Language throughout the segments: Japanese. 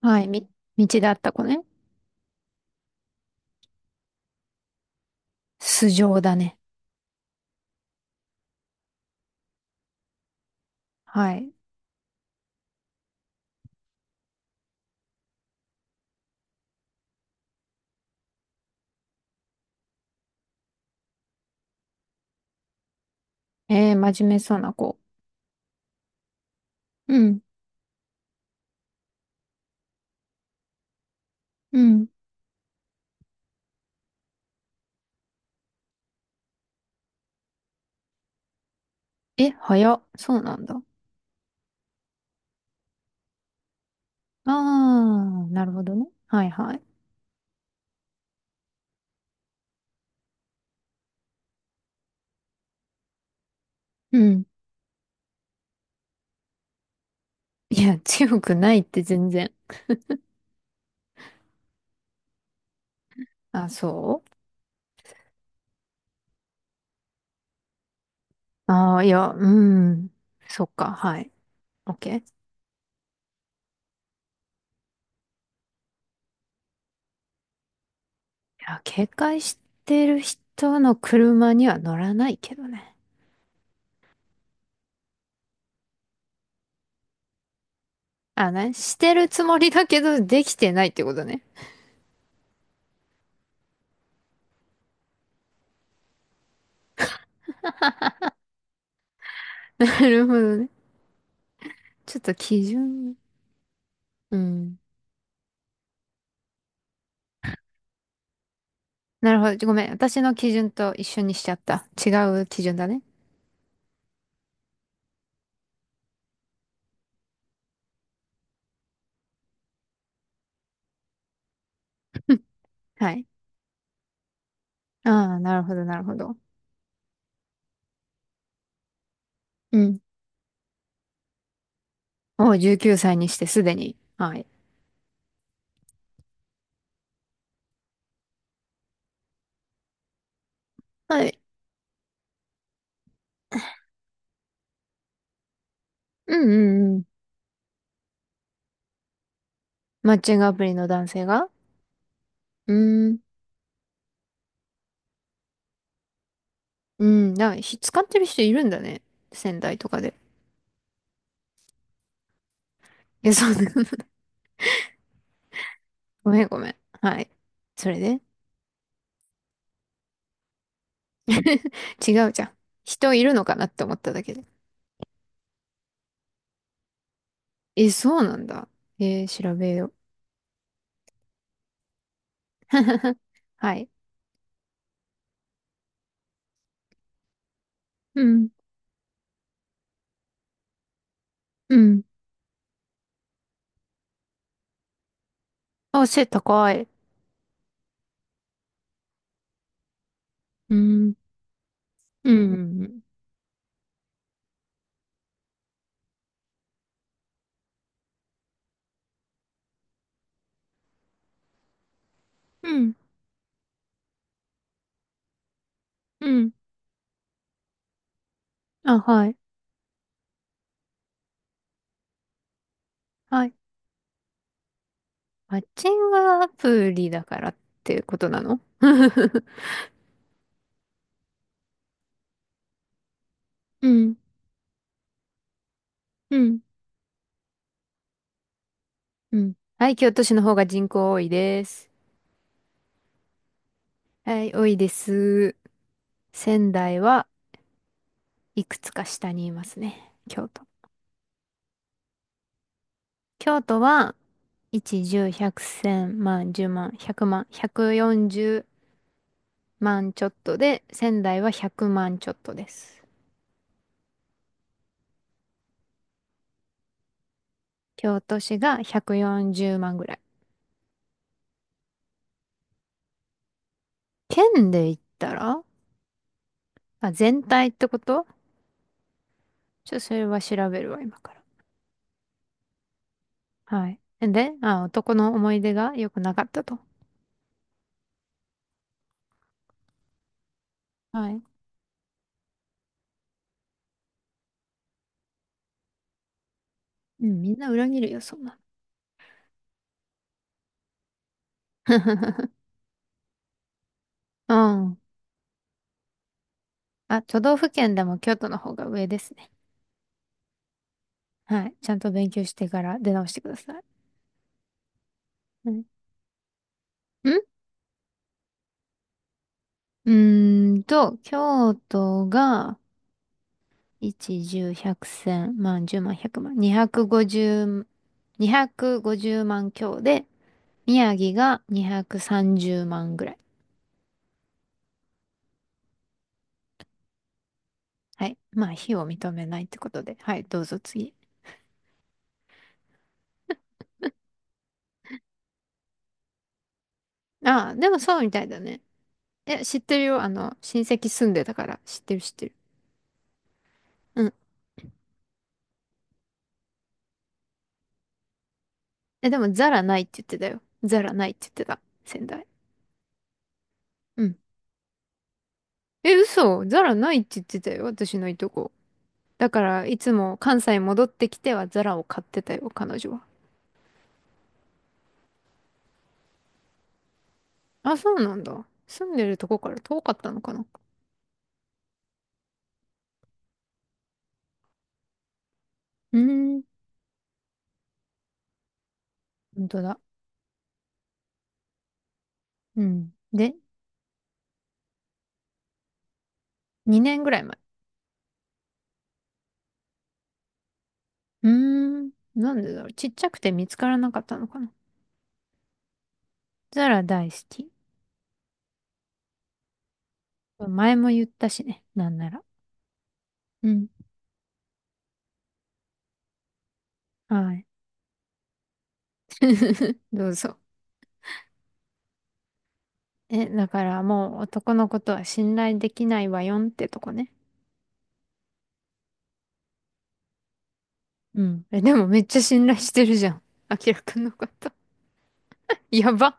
はい、道だった子ね。素性だね。はい。真面目そうな子。うん、うん。え、早っ。そうなんだ。あー、なるほどね。はいはい。うん。いや、強くないって全然。あ、そういや、うん。そっか、はい。オッケー。いや、警戒してる人の車には乗らないけどね。あ、ね、してるつもりだけど、できてないってことね。なるほどね。ちょっと基準。うん。なるほど。ごめん。私の基準と一緒にしちゃった。違う基準だね。はい。ああ、なるほど、なるほど。うん。おう、19歳にしてすでに。はい。はい。うんうんうん。マッチングアプリの男性が？うーん。うん。だから使ってる人いるんだね。仙台とかで。え、そうだ。ごめんごめん。はい。それで 違うじゃん。人いるのかなって思っただけで。え、そうなんだ。調べよう。はい。うん。うん。あ、背高い。うん。うん。うん。うん。あ、はい。はい。マッチングアプリだからってことなの？ うん。うん。うん。はい。京都市の方が人口多いです。はい。多いです。仙台はいくつか下にいますね。京都。京都は、1、10、100、1000、万、10万、100万、140万ちょっとで、仙台は100万ちょっとです。京都市が140万ぐらい。県で言ったらあ、全体ってこと？ちょっとそれは調べるわ、今から。はい。で、あ、男の思い出が良くなかったと。はい。うん、みんな裏切るよ、そんなの。うん。あ、都道府県でも京都の方が上ですね。はい。ちゃんと勉強してから出直してください。うん。んう京都が、一、十、百、千、万、十万、百万、二百五十、二百五十万強で、宮城が230万ぐらい。はい。まあ、非を認めないってことで。はい、どうぞ次。ああ、でもそうみたいだね。え、知ってるよ。あの、親戚住んでたから。知ってる知ってる。うん。え、でもザラないって言ってたよ。ザラないって言ってた。仙台。うん。え、嘘。ザラないって言ってたよ。私のいとこ。だから、いつも関西戻ってきてはザラを買ってたよ、彼女は。あ、そうなんだ。住んでるとこから遠かったのかな。うーん。本当だ。うん。で、2年ぐらい前。うーん。なんでだろう。ちっちゃくて見つからなかったのかな。ザラ大好き。前も言ったしね。なんなら。うん。はい。どうぞ。え、だからもう男のことは信頼できないわよんってとこね。うん。え、でもめっちゃ信頼してるじゃん。明らかくんのこと。やば。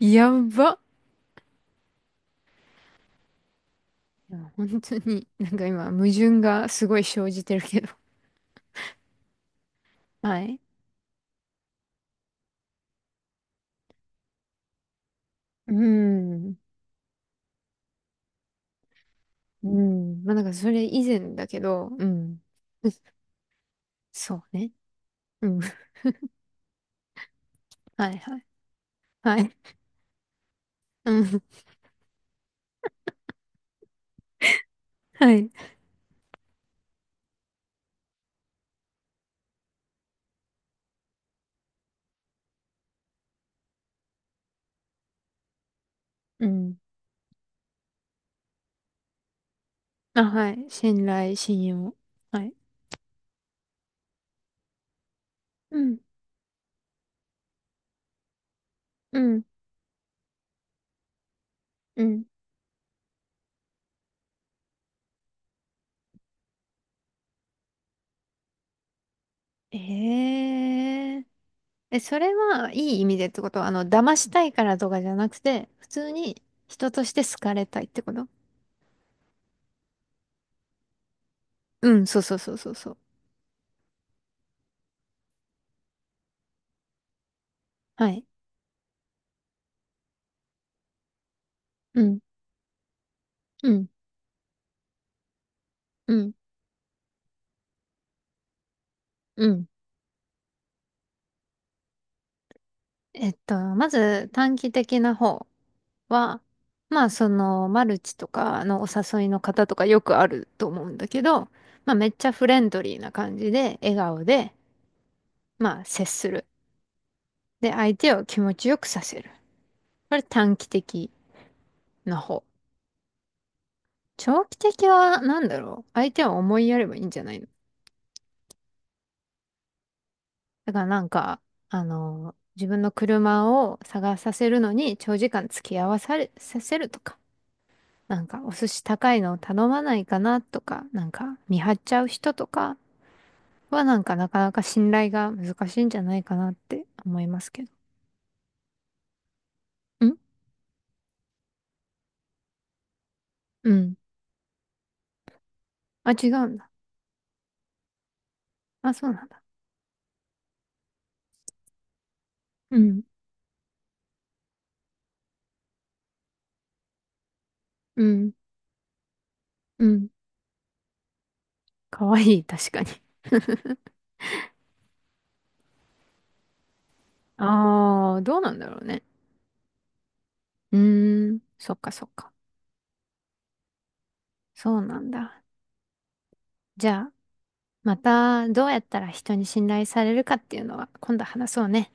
やば。いや本当に、なんか今、矛盾がすごい生じてるけど。はい。うん。うん。まあなんかそれ以前だけど、うん。そうね。うん。はいはい。はい。うん。はい。うん。あ、はい。信頼、信用。はい。うん。うん。うん。えええ、それはいい意味でってことはあの、騙したいからとかじゃなくて、普通に人として好かれたいってこと？うん、そうそうそうそうそう。はい。うん。うん。うん。うん。まず短期的な方。は、まあそのマルチとかのお誘いの方とかよくあると思うんだけど、まあめっちゃフレンドリーな感じで、笑顔で、まあ接する。で、相手を気持ちよくさせる。これ短期的な方。長期的は何だろう。相手を思いやればいいんじゃないの？だからなんか、あの、自分の車を探させるのに長時間付き合わされ、させるとか、なんかお寿司高いのを頼まないかなとか、なんか見張っちゃう人とか、はなんかなかなか信頼が難しいんじゃないかなって思いますけど。んうん。あ、違うんだ。あ、そうなんだ。うん。うん。うん。かわいい、確かに。ああ、どうなんだろうね。うーん。そっかそっか。そうなんだ。じゃあ、またどうやったら人に信頼されるかっていうのは今度話そうね。